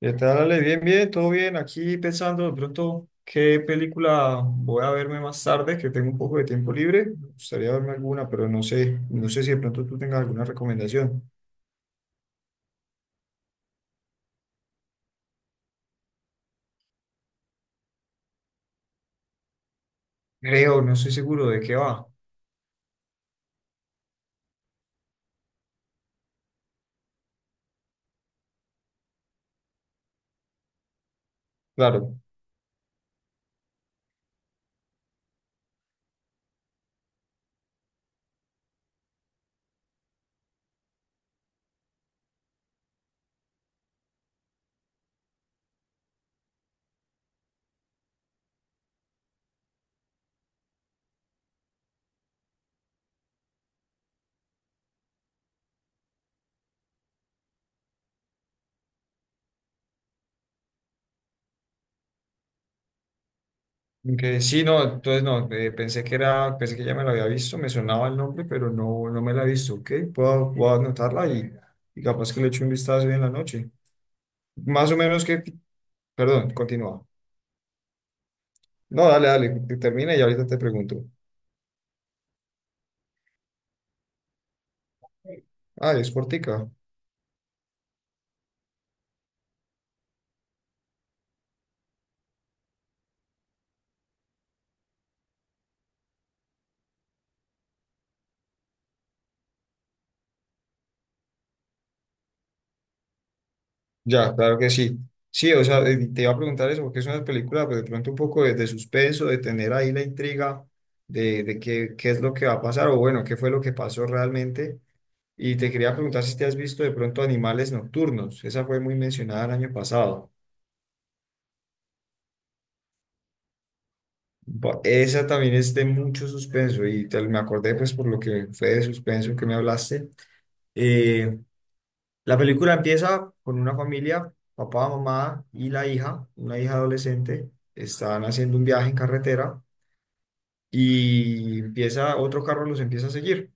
¿Qué tal, Ale? Bien, bien, todo bien. Aquí pensando de pronto qué película voy a verme más tarde, que tengo un poco de tiempo libre. Me gustaría verme alguna, pero no sé si de pronto tú tengas alguna recomendación. Creo, no estoy seguro de qué va. Claro. Que sí, no, entonces no, pensé que ya me la había visto, me sonaba el nombre, pero no, no me la he visto, ¿ok? Puedo anotarla y capaz que le echo un vistazo hoy en la noche. Más o menos que, perdón, continúa. No, dale, dale, termina y ahorita te pregunto. Ah, es cortica. Ya, claro que sí. Sí, o sea, te iba a preguntar eso, porque es una película, pero de pronto un poco de, suspenso, de tener ahí la intriga de, qué es lo que va a pasar, o bueno, qué fue lo que pasó realmente. Y te quería preguntar si te has visto de pronto Animales Nocturnos. Esa fue muy mencionada el año pasado. Esa también es de mucho suspenso, y me acordé pues por lo que fue de suspenso que me hablaste. Eh, La película empieza con una familia, papá, mamá y la hija, una hija adolescente, están haciendo un viaje en carretera y empieza otro carro los empieza a seguir.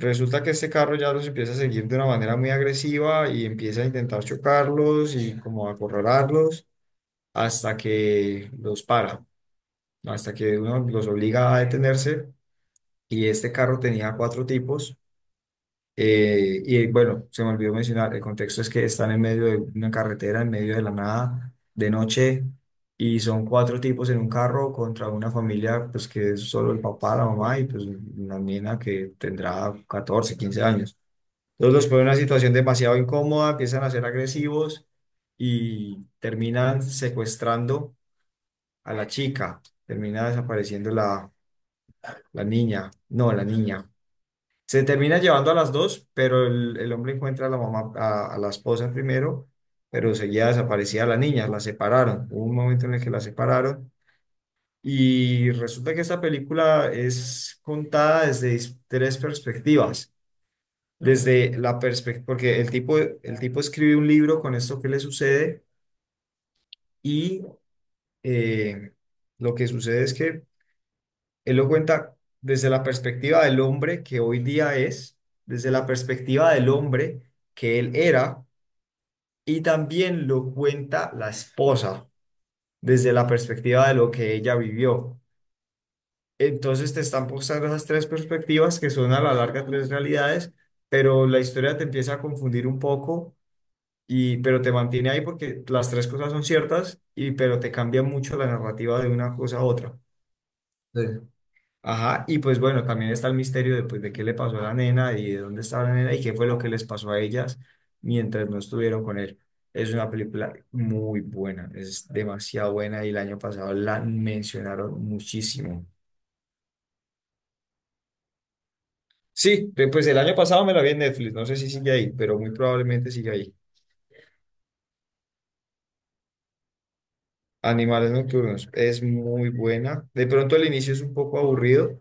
Resulta que este carro ya los empieza a seguir de una manera muy agresiva y empieza a intentar chocarlos y como a acorralarlos hasta que los para, hasta que uno los obliga a detenerse. Y este carro tenía cuatro tipos. Y bueno, se me olvidó mencionar, el contexto es que están en medio de una carretera, en medio de la nada, de noche, y son cuatro tipos en un carro contra una familia, pues que es solo el papá, la mamá y pues una nena que tendrá 14 15 años. Entonces los ponen en una situación demasiado incómoda, empiezan a ser agresivos y terminan secuestrando a la chica, termina desapareciendo la niña, no, la niña. Se termina llevando a las dos, pero el hombre encuentra a la mamá, a la esposa primero, pero seguía desaparecía la niña, la separaron. Hubo un momento en el que la separaron y resulta que esta película es contada desde tres perspectivas. Desde la perspectiva, porque el tipo escribe un libro con esto que le sucede y eh, lo que sucede es que él lo cuenta desde la perspectiva del hombre que hoy día es, desde la perspectiva del hombre que él era, y también lo cuenta la esposa desde la perspectiva de lo que ella vivió. Entonces te están mostrando esas tres perspectivas que son a la larga tres realidades, pero la historia te empieza a confundir un poco y pero te mantiene ahí porque las tres cosas son ciertas y pero te cambia mucho la narrativa de una cosa a otra. Sí. Ajá, y pues bueno, también está el misterio de, pues, de qué le pasó a la nena y de dónde estaba la nena y qué fue lo que les pasó a ellas mientras no estuvieron con él. Es una película muy buena, es demasiado buena y el año pasado la mencionaron muchísimo. Sí, pues el año pasado me la vi en Netflix, no sé si sigue ahí, pero muy probablemente sigue ahí. Animales Nocturnos es muy buena. De pronto el inicio es un poco aburrido,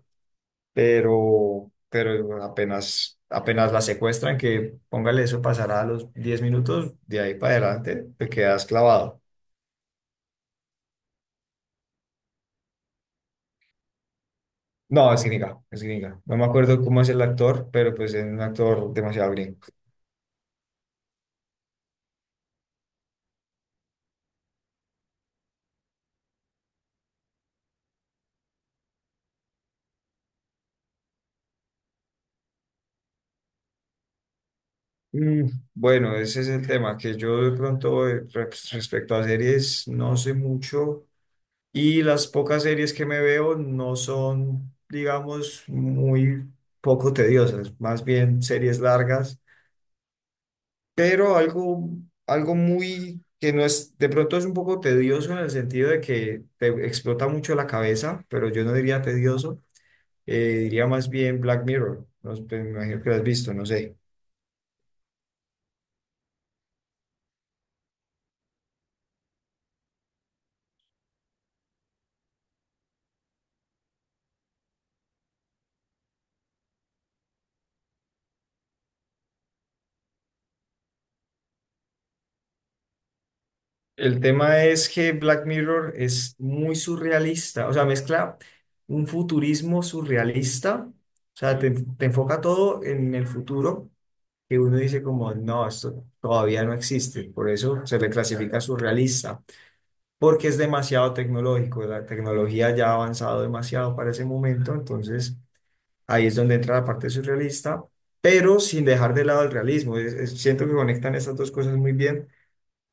pero apenas, apenas la secuestran, que póngale eso, pasará a los 10 minutos, de ahí para adelante te quedas clavado. No, es gringa, es gringa. No me acuerdo cómo es el actor, pero pues es un actor demasiado gringo. Mm, bueno, ese es el tema, que yo de pronto respecto a series no sé mucho y las pocas series que me veo no son, digamos, muy poco tediosas, más bien series largas pero algo, muy que no es, de pronto es un poco tedioso en el sentido de que te explota mucho la cabeza, pero yo no diría tedioso, diría más bien Black Mirror. No, sé, me imagino que lo has visto, no sé. El tema es que Black Mirror es muy surrealista, o sea, mezcla un futurismo surrealista, o sea, te, enfoca todo en el futuro, que uno dice como, no, esto todavía no existe, por eso se le clasifica surrealista porque es demasiado tecnológico, la tecnología ya ha avanzado demasiado para ese momento, entonces ahí es donde entra la parte surrealista, pero sin dejar de lado el realismo. Siento que conectan estas dos cosas muy bien,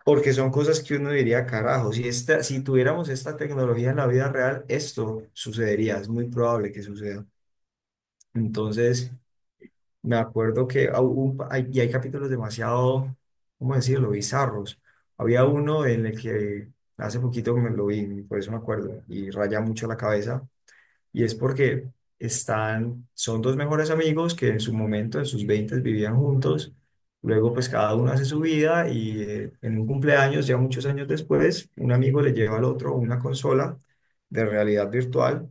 porque son cosas que uno diría, carajo, si tuviéramos esta tecnología en la vida real, esto sucedería, es muy probable que suceda. Entonces, me acuerdo que hay capítulos demasiado, ¿cómo decirlo?, bizarros. Había uno en el que hace poquito me lo vi, por eso me acuerdo, y raya mucho la cabeza, y es porque están, son dos mejores amigos que en su momento, en sus veintes vivían juntos, luego pues cada uno hace su vida y en un cumpleaños, ya muchos años después, un amigo le lleva al otro una consola de realidad virtual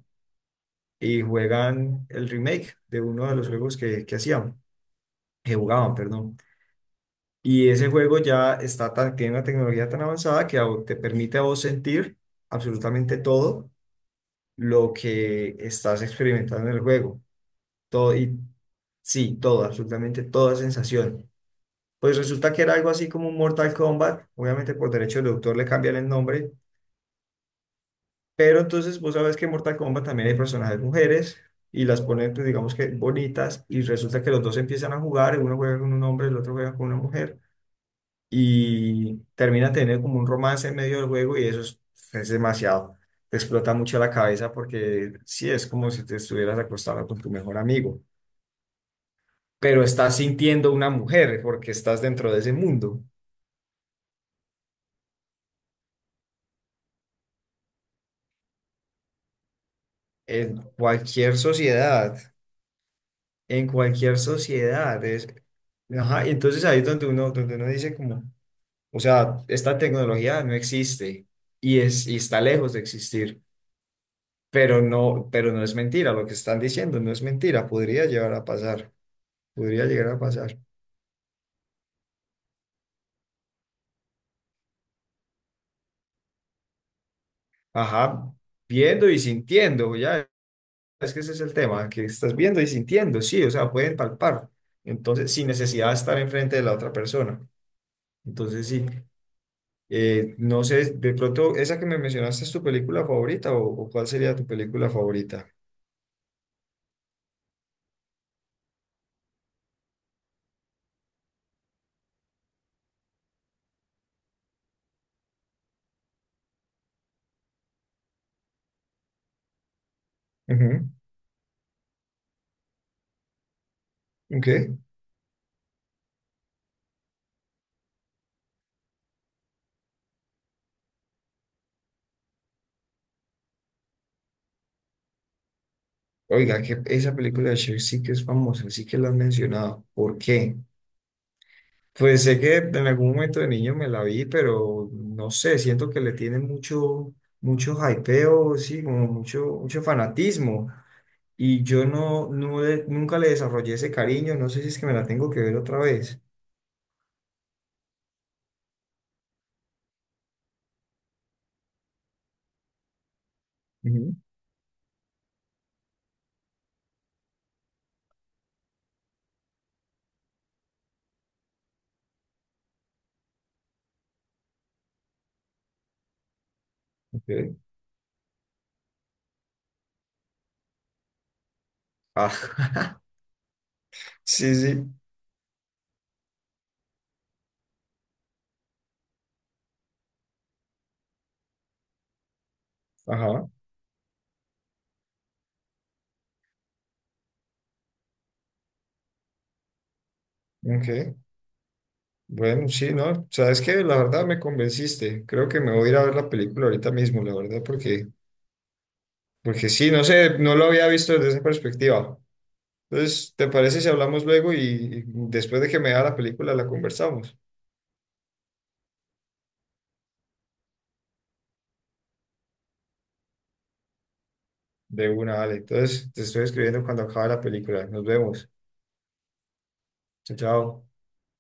y juegan el remake de uno de los juegos que hacían que jugaban, perdón. Y ese juego ya está tan, tiene una tecnología tan avanzada que te permite a vos sentir absolutamente todo lo que estás experimentando en el juego. Todo, y sí, todo, absolutamente toda sensación. Pues resulta que era algo así como un Mortal Kombat. Obviamente por derecho de autor le cambian el nombre. Pero entonces vos sabes que en Mortal Kombat también hay personajes mujeres y las ponen, pues, digamos que bonitas. Y resulta que los dos empiezan a jugar. Uno juega con un hombre, el otro juega con una mujer y termina teniendo como un romance en medio del juego y eso es demasiado. Te explota mucho la cabeza porque sí, es como si te estuvieras acostado con tu mejor amigo, pero estás sintiendo una mujer porque estás dentro de ese mundo. En cualquier sociedad, en cualquier sociedad es... Ajá, y entonces ahí es donde uno dice como, o sea, esta tecnología no existe y, es, y está lejos de existir. Pero no es mentira, lo que están diciendo no es mentira, podría llegar a pasar, podría llegar a pasar. Ajá, viendo y sintiendo, ya, es que ese es el tema, que estás viendo y sintiendo, sí, o sea, pueden palpar, entonces, sin necesidad de estar enfrente de la otra persona. Entonces, sí, no sé, de pronto, ¿esa que me mencionaste es tu película favorita o, cuál sería tu película favorita? Ujú, ok. Oiga, que esa película de Cher sí que es famosa, sí que la han mencionado. ¿Por qué? Pues sé que en algún momento de niño me la vi, pero no sé, siento que le tiene mucho, mucho hypeo, sí, como mucho, mucho fanatismo. Y yo no, nunca le desarrollé ese cariño, no sé si es que me la tengo que ver otra vez. Ujú, ok. Ah, sí, sí, ajá, ok. Bueno, sí, no, sabes que la verdad me convenciste. Creo que me voy a ir a ver la película ahorita mismo, la verdad, porque, porque sí, no sé, no lo había visto desde esa perspectiva. Entonces, ¿te parece si hablamos luego y después de que me vea la película la conversamos? De una, vale. Entonces, te estoy escribiendo cuando acabe la película. Nos vemos. Chao, chao.